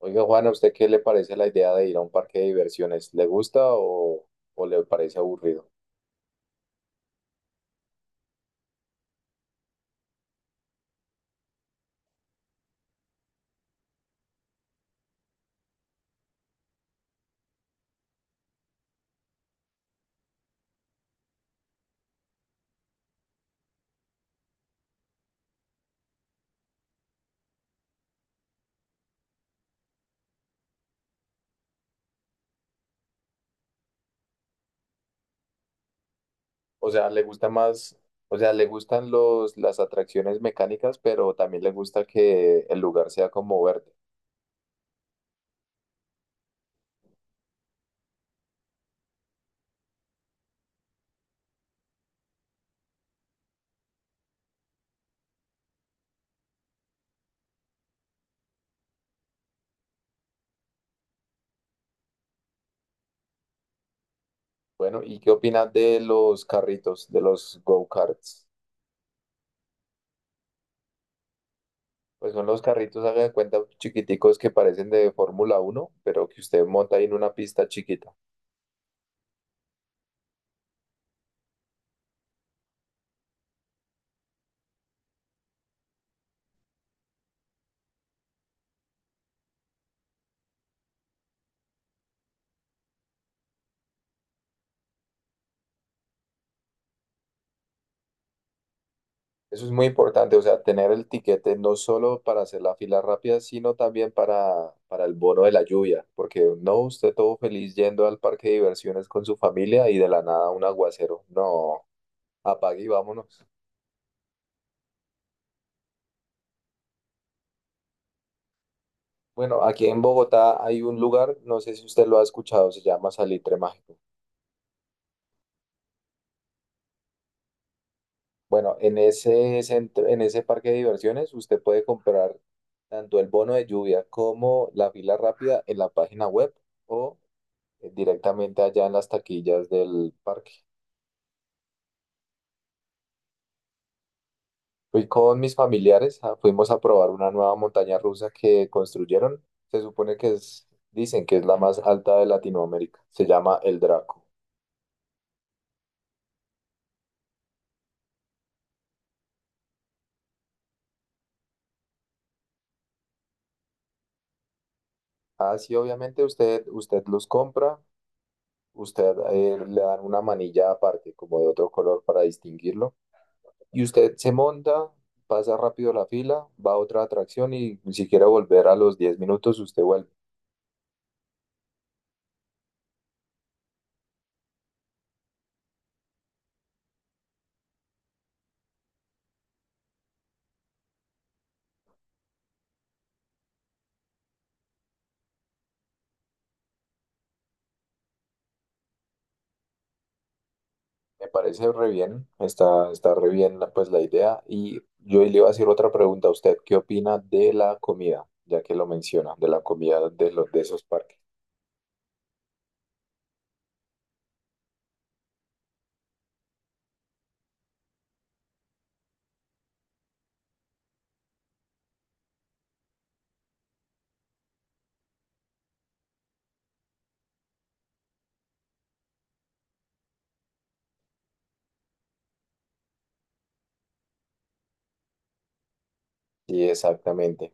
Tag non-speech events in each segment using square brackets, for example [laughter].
Oiga, Juan, ¿a usted qué le parece la idea de ir a un parque de diversiones? ¿Le gusta o le parece aburrido? O sea, ¿le gusta más, o sea, le gustan las atracciones mecánicas, pero también le gusta que el lugar sea como verde? Bueno, ¿y qué opinas de los carritos, de los go-karts? Pues son los carritos, hagan cuenta, chiquiticos que parecen de Fórmula 1, pero que usted monta ahí en una pista chiquita. Eso es muy importante, o sea, tener el tiquete no solo para hacer la fila rápida, sino también para el bono de la lluvia, porque no, usted todo feliz yendo al parque de diversiones con su familia y de la nada un aguacero. No, apague y vámonos. Bueno, aquí en Bogotá hay un lugar, no sé si usted lo ha escuchado, se llama Salitre Mágico. Bueno, en ese parque de diversiones usted puede comprar tanto el bono de lluvia como la fila rápida en la página web o directamente allá en las taquillas del parque. Fui con mis familiares, ah, fuimos a probar una nueva montaña rusa que construyeron. Se supone que es, dicen que es la más alta de Latinoamérica. Se llama el Draco. Así obviamente usted los compra, usted le dan una manilla aparte, como de otro color para distinguirlo. Y usted se monta, pasa rápido la fila, va a otra atracción y ni siquiera volver a los 10 minutos, usted vuelve. Me parece re bien, está re bien pues la idea. Y yo le iba a hacer otra pregunta a usted, ¿qué opina de la comida? Ya que lo menciona, de la comida de esos parques. Sí, exactamente.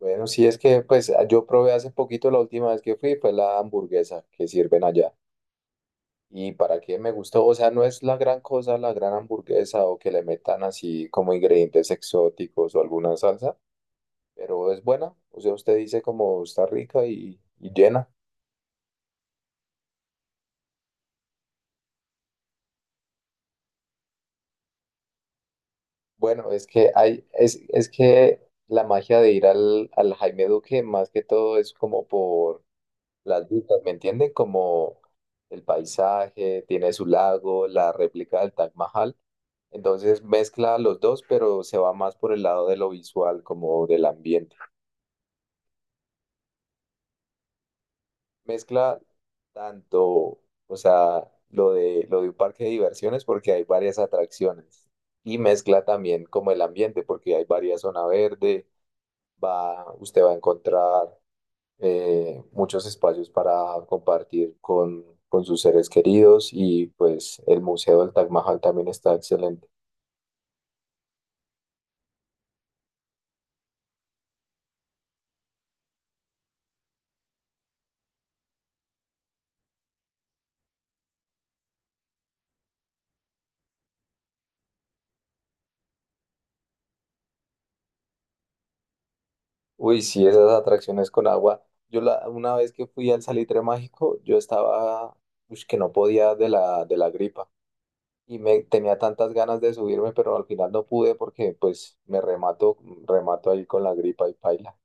Bueno, sí es que pues yo probé hace poquito la última vez que fui, fue la hamburguesa que sirven allá. Y para qué me gustó, o sea, no es la gran cosa la gran hamburguesa o que le metan así como ingredientes exóticos o alguna salsa, pero es buena. O sea, usted dice como está rica y llena. Bueno, es que la magia de ir al, al Jaime Duque, más que todo, es como por las vistas, ¿me entienden? Como el paisaje, tiene su lago, la réplica del Taj Mahal. Entonces mezcla los dos, pero se va más por el lado de lo visual, como del ambiente. Mezcla tanto, o sea, lo de un parque de diversiones, porque hay varias atracciones. Y mezcla también como el ambiente, porque hay varias zonas verdes usted va a encontrar muchos espacios para compartir con sus seres queridos y pues el Museo del Taj Mahal también está excelente. Uy, sí, esas atracciones con agua. Una vez que fui al Salitre Mágico, yo estaba, ush, que no podía de la gripa y me tenía tantas ganas de subirme, pero al final no pude porque pues me remato ahí con la gripa y paila.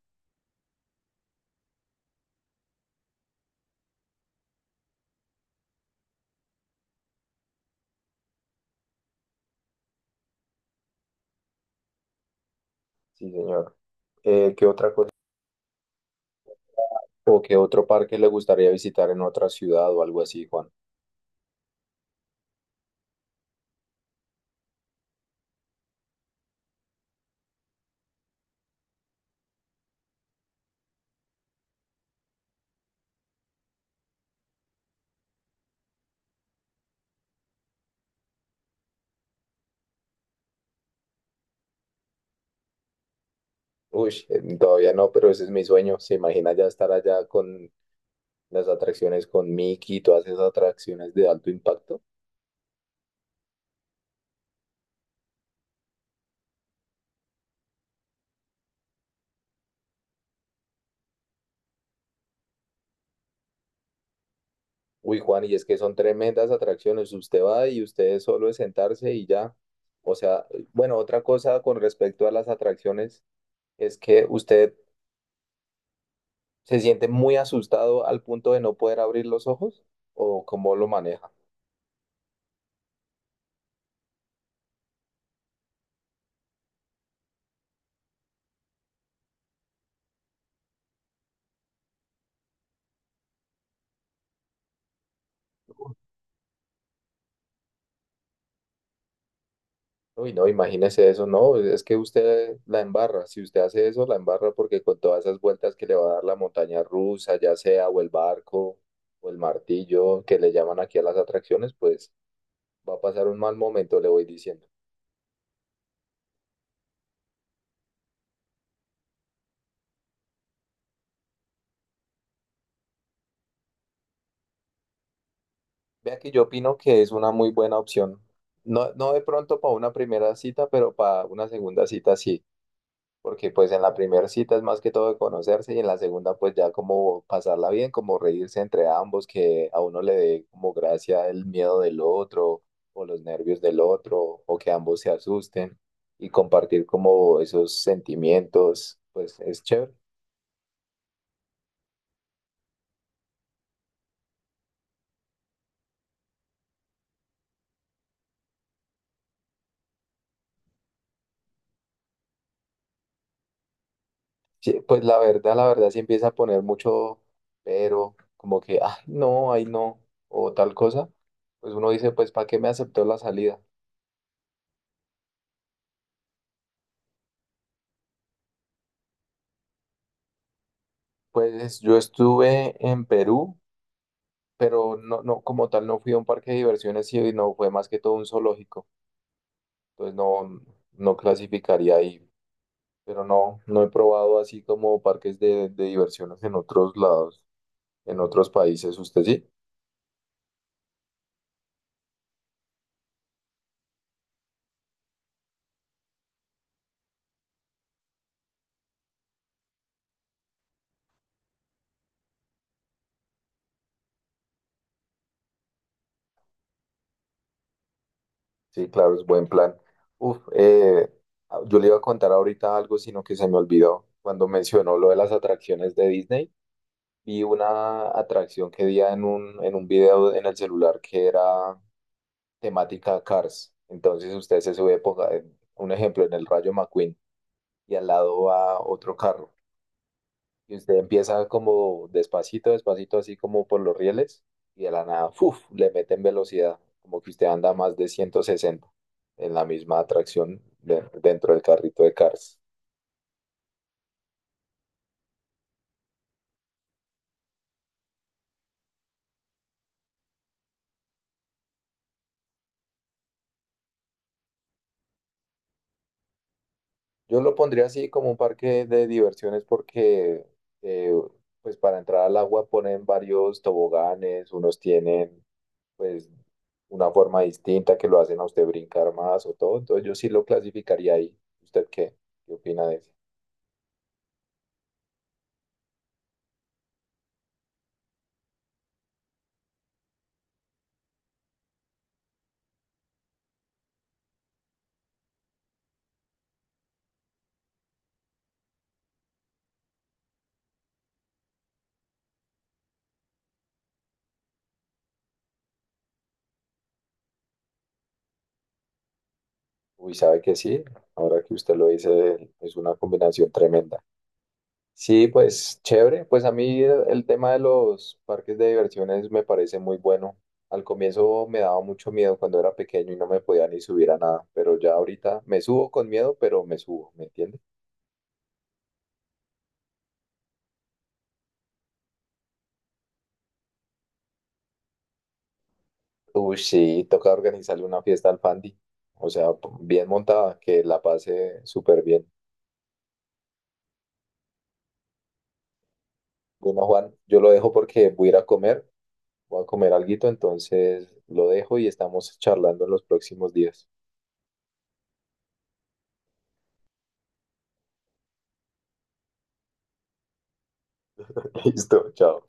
Sí, señor. ¿Qué otra cosa? ¿O qué otro parque le gustaría visitar en otra ciudad o algo así, Juan? Uy, todavía no, pero ese es mi sueño. ¿Se imagina ya estar allá con las atracciones con Mickey y todas esas atracciones de alto impacto? Uy, Juan, y es que son tremendas atracciones. Usted va y usted solo es sentarse y ya. O sea, bueno, otra cosa con respecto a las atracciones es que usted se siente muy asustado al punto de no poder abrir los ojos o cómo lo maneja. Uy, no, imagínese eso, no, es que usted la embarra, si usted hace eso, la embarra porque con todas esas vueltas que le va a dar la montaña rusa, ya sea, o el barco, o el martillo, que le llaman aquí a las atracciones, pues va a pasar un mal momento, le voy diciendo. Vea que yo opino que es una muy buena opción, no, no de pronto para una primera cita, pero para una segunda cita sí. Porque pues en la primera cita es más que todo de conocerse y en la segunda pues ya como pasarla bien, como reírse entre ambos, que a uno le dé como gracia el miedo del otro o los nervios del otro o que ambos se asusten y compartir como esos sentimientos, pues es chévere. Sí, pues la verdad sí empieza a poner mucho pero, como que, ah, no, ay no, o tal cosa, pues uno dice, pues ¿para qué me aceptó la salida? Pues yo estuve en Perú pero no, no, como tal no fui a un parque de diversiones y no fue más que todo un zoológico, entonces no, no clasificaría ahí, pero no, no he probado así como parques de diversiones en otros lados, en otros países, ¿usted sí? Sí, claro, es buen plan. Uf, ah, yo le iba a contar ahorita algo, sino que se me olvidó cuando mencionó lo de las atracciones de Disney. Vi una atracción que vi en un video en el celular que era temática Cars. Entonces usted se sube, ponga un ejemplo, en el Rayo McQueen y al lado va otro carro. Y usted empieza como despacito, despacito, así como por los rieles y de la nada, ¡fuf! Le meten velocidad, como que usted anda más de 160 en la misma atracción dentro del carrito de Cars. Yo lo pondría así como un parque de diversiones porque eh, pues para entrar al agua ponen varios toboganes, unos tienen pues una forma distinta que lo hacen a usted brincar más o todo. Entonces yo sí lo clasificaría ahí. ¿Usted qué? ¿Qué opina de eso? Uy, sabe que sí. Ahora que usted lo dice, es una combinación tremenda. Sí, pues chévere. Pues a mí el tema de los parques de diversiones me parece muy bueno. Al comienzo me daba mucho miedo cuando era pequeño y no me podía ni subir a nada, pero ya ahorita me subo con miedo, pero me subo, ¿me entiende? Uy, sí, toca organizarle una fiesta al Fandi. O sea, bien montada, que la pase súper bien. Bueno, Juan, yo lo dejo porque voy a ir a comer, voy a comer alguito, entonces lo dejo y estamos charlando en los próximos días. [laughs] Listo, chao.